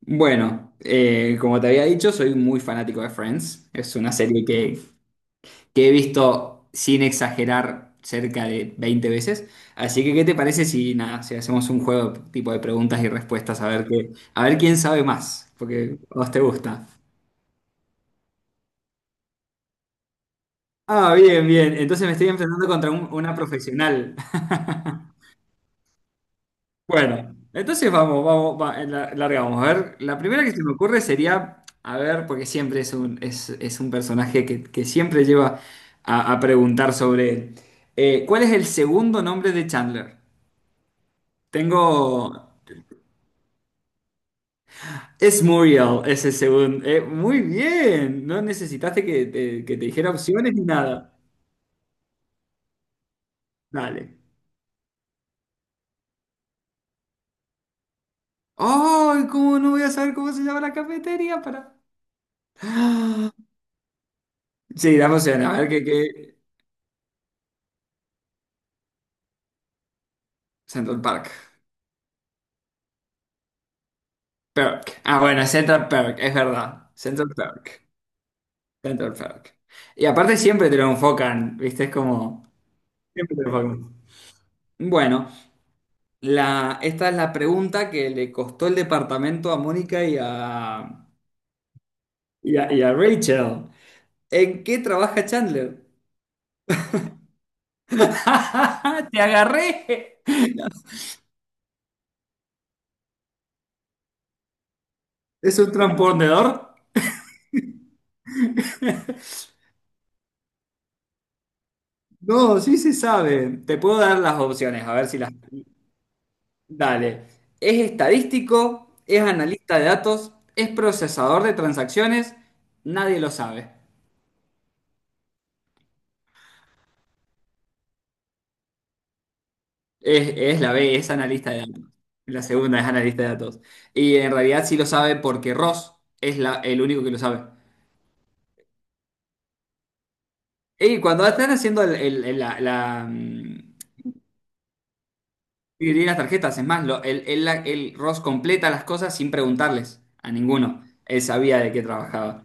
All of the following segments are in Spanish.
Bueno, como te había dicho, soy muy fanático de Friends. Es una serie que he visto sin exagerar cerca de 20 veces. Así que, ¿qué te parece si, nada, si hacemos un juego tipo de preguntas y respuestas a ver qué, a ver quién sabe más? Porque a vos te gusta. Ah, bien, bien. Entonces me estoy enfrentando contra una profesional. Bueno, entonces vamos, vamos, largamos. A ver, la primera que se me ocurre sería, a ver, porque siempre es un, es un personaje que siempre lleva a preguntar sobre él. ¿Cuál es el segundo nombre de Chandler? Tengo... Es Muriel, ese segundo. Muy bien, no necesitaste que que te dijera opciones ni nada. Dale. ¡Ay! ¿Cómo no voy a saber cómo se llama la cafetería? Para... Sí, dame opciones, a ver qué... qué... Central Park. Perk. Ah, bueno, Central Perk, es verdad. Central Perk. Central Perk. Y aparte siempre te lo enfocan, ¿viste? Es como... Siempre te lo enfocan. Bueno, esta es la pregunta que le costó el departamento a Mónica y a Rachel. ¿En qué trabaja Chandler? ¡Te agarré! ¿Es un transponedor? No, sí se sabe. Te puedo dar las opciones, a ver si las... Dale. Es estadístico, es analista de datos, es procesador de transacciones, nadie lo sabe. Es la B, es analista de datos. La segunda es analista de datos. Y en realidad sí lo sabe porque Ross es el único que lo sabe. Y cuando están haciendo dividir las tarjetas, es más, lo- el- la- el Ross completa las cosas sin preguntarles a ninguno. Él sabía de qué trabajaba.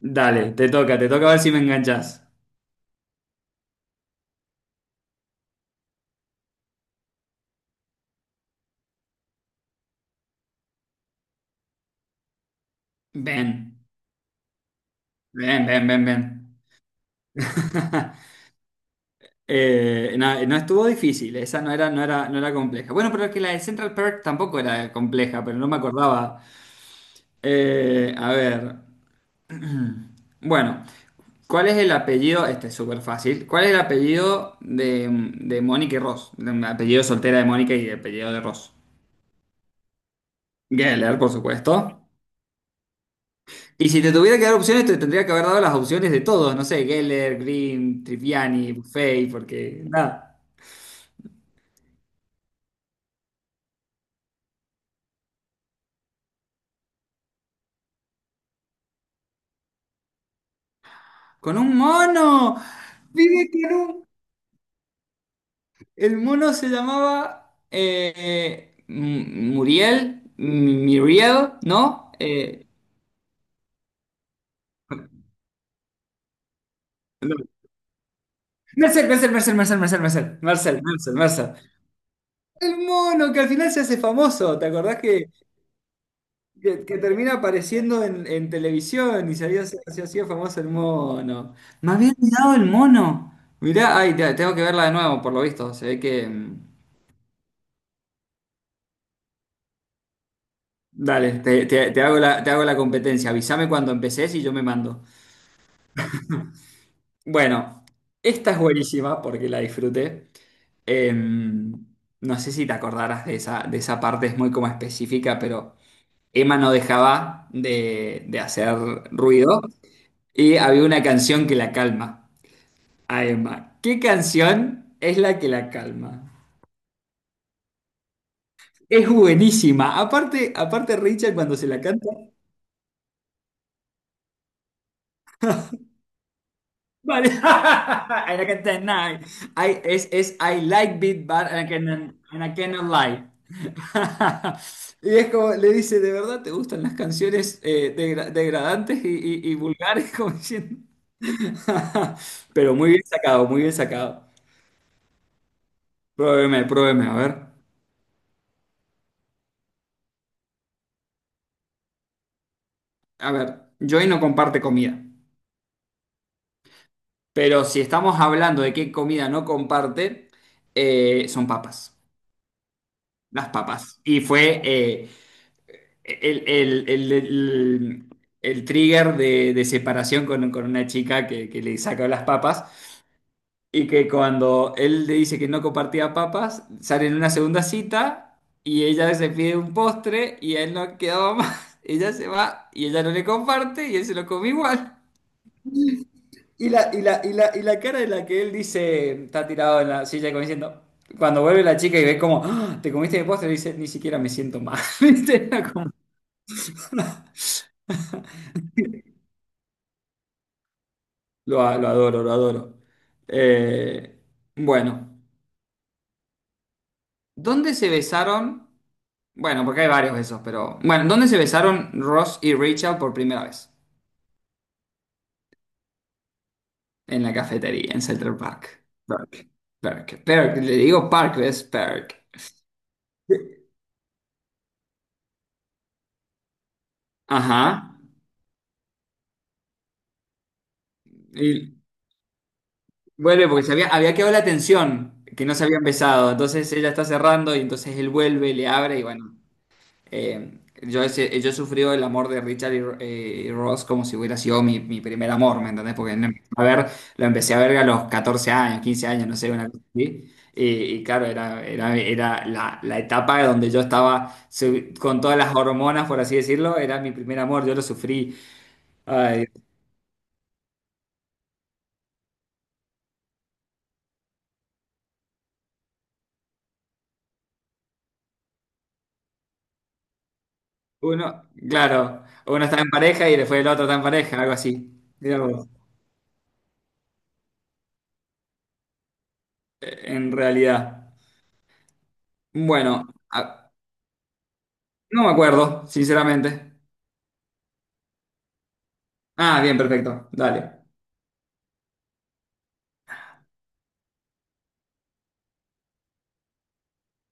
Dale, te toca a ver si me enganchas. Ven. Bien, bien, bien, bien. No, no estuvo difícil, esa no era, no era, no era compleja. Bueno, pero es que la de Central Park tampoco era compleja, pero no me acordaba. A ver. Bueno, ¿cuál es el apellido? Este es súper fácil. ¿Cuál es el apellido de Mónica y Ross? El apellido soltera de Mónica y el apellido de Ross. Geller, por supuesto. Y si te tuviera que dar opciones, te tendría que haber dado las opciones de todos. No sé, Geller, Green, Triviani, Buffet, porque nada. ¡Con un mono! Vive con un- El mono se llamaba Muriel, Muriel, ¿no? Marcel, Marcel, Marcel, Marcel, Marcel, Marcel, Marcel, Marcel, Marcel. El mono que al final se hace famoso, ¿te acordás que termina apareciendo en televisión y se se hacía famoso el mono? Me había olvidado el mono. Mirá, ay, tengo que verla de nuevo, por lo visto. Se ve que... Dale, te hago te hago la competencia. Avísame cuando empecés y yo me mando. Bueno, esta es buenísima porque la disfruté. Em, no sé si te acordarás de esa parte, es muy como específica, pero Emma no dejaba de hacer ruido y había una canción que la calma a Emma. ¿Qué canción es la que la calma? Es buenísima. Aparte, aparte Richard cuando se la canta, vale, I can't deny. Es I like beat, and I cannot lie. Y es como, le dice, ¿de verdad te gustan las canciones degradantes y vulgares? Como diciendo. Pero muy bien sacado, muy bien sacado. Pruébeme, pruébeme, a ver. A ver, Joy no comparte comida. Pero si estamos hablando de qué comida no comparte, son papas. Las papas. Y fue el, el- el- el- el trigger de separación con una chica que le sacó las papas. Y que cuando él le dice que no compartía papas, salen en una segunda cita y ella se pide un postre y a él no quedaba más. Ella se va y ella no le comparte y él se lo come igual. Y la cara de la que él dice, está tirado en la silla como diciendo, cuando vuelve la chica y ve como, "Ah, te comiste mi postre", dice, ni siquiera me siento mal. ¿Viste? Era como... Lo, lo adoro, lo adoro. Eh, bueno, ¿dónde se besaron? Bueno, porque hay varios besos, pero... Bueno, ¿dónde se besaron Ross y Rachel por primera vez? En la cafetería, en Central Park. Perk, perk, perk. Le digo park, es perk. Ajá. Y vuelve porque se había quedado la tensión, que no se habían besado. Entonces ella está cerrando y entonces él vuelve, le abre y bueno. Yo he sufrido el amor de Richard y Ross como si hubiera sido mi, mi primer amor, ¿me entendés? Porque no empecé a ver, lo empecé a ver a los 14 años, 15 años, no sé, una cosa así. Y, y claro, era, era, era la etapa donde yo estaba con todas las hormonas, por así decirlo, era mi primer amor, yo lo sufrí. Ay, uno, claro, uno está en pareja y después el otro está en pareja, algo así. Mirá vos, en realidad. Bueno, a- no me acuerdo, sinceramente. Ah, bien, perfecto. Dale.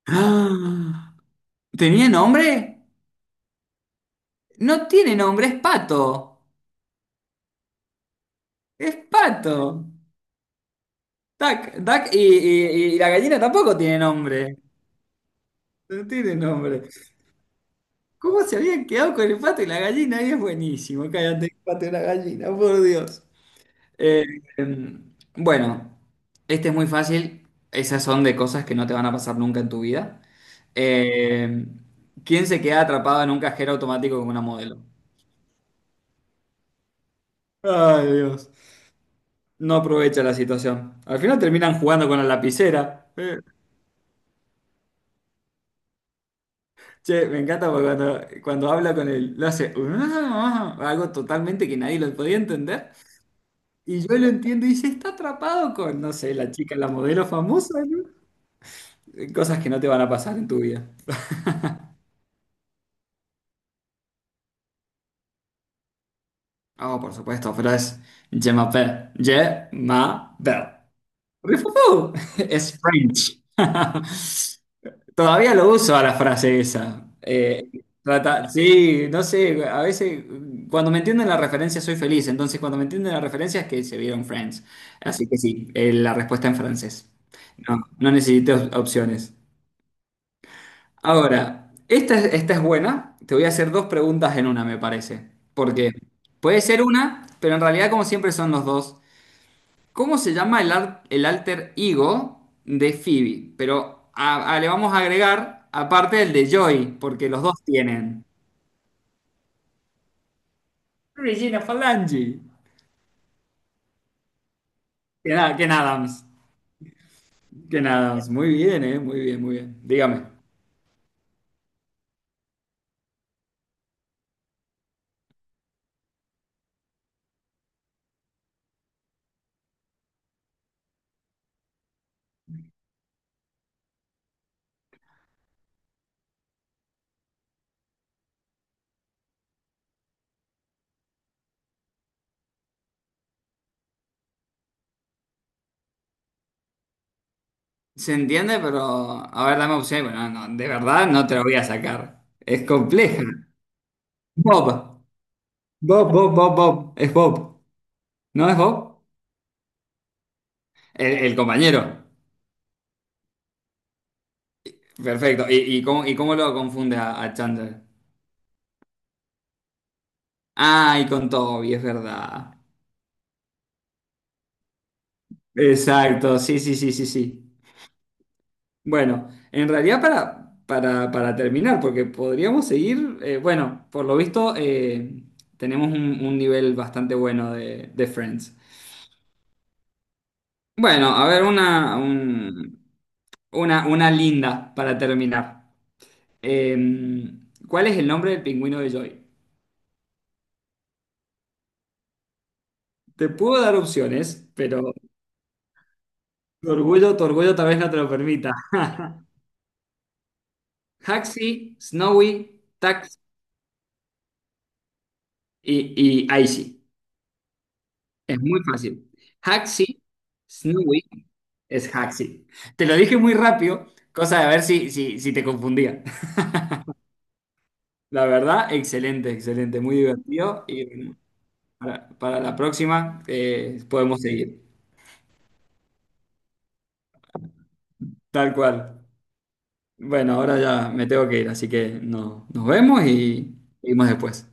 ¡Ah! ¿Tenía nombre? No tiene nombre, es pato. Es pato. Duck, duck y la gallina tampoco tiene nombre. No tiene nombre. ¿Cómo se habían quedado con el pato y la gallina? Es buenísimo. Cállate, el pato y la gallina, por Dios. Eh, bueno, este es muy fácil. Esas son de cosas que no te van a pasar nunca en tu vida. Eh, ¿Quién se queda atrapado en un cajero automático con una modelo? Ay, Dios. No aprovecha la situación. Al final terminan jugando con la lapicera. Che, me encanta porque cuando habla con él, lo hace "Ah", algo totalmente que nadie lo podía entender. Y yo lo entiendo y dice, está atrapado con, no sé, la chica, la modelo famosa, ¿no? Cosas que no te van a pasar en tu vida. Ah, por supuesto, pero es Je m'appelle. Je m'appelle. Rifufú. Es French. Todavía lo uso a la frase esa. Sí, no sé, a veces cuando me entienden la referencia soy feliz, entonces cuando me entienden la referencia es que se vieron Friends. Así que sí, la respuesta en francés. No, no necesito opciones. Ahora, esta es buena, te voy a hacer dos preguntas en una, me parece, porque puede ser una, pero en realidad como siempre son los dos. ¿Cómo se llama el alter ego de Phoebe? Pero le vamos a agregar, aparte el de Joy, porque los dos tienen. Regina Falangi. Que nada, Ken Adams. Ken Adams. Muy bien, eh. Muy bien, muy bien. Dígame. Se entiende, pero... A ver, dame opciones. Bueno, no, no, de verdad no te lo voy a sacar. Es compleja. Bob. Bob, Bob, Bob, Bob. Es Bob. ¿No es Bob? El compañero. Perfecto. Y cómo lo confunde a Chandler? Ay, con Toby, es verdad. Exacto, sí, sí, sí, sí, sí. Bueno, en realidad para terminar, porque podríamos seguir, bueno, por lo visto tenemos un nivel bastante bueno de Friends. Bueno, a ver, una linda para terminar. Eh, ¿Cuál es el nombre del pingüino de Joy? Te puedo dar opciones, pero tu orgullo tal vez no te lo permita. Haxi, Snowy, Taxi. Y ahí sí, es muy fácil. Haxi, Snowy es Haxi. Te lo dije muy rápido, cosa de ver si te confundía. La verdad, excelente, excelente, muy divertido. Y bueno, para la próxima podemos seguir. Tal cual. Bueno, ahora ya me tengo que ir, así que no, nos vemos y seguimos después.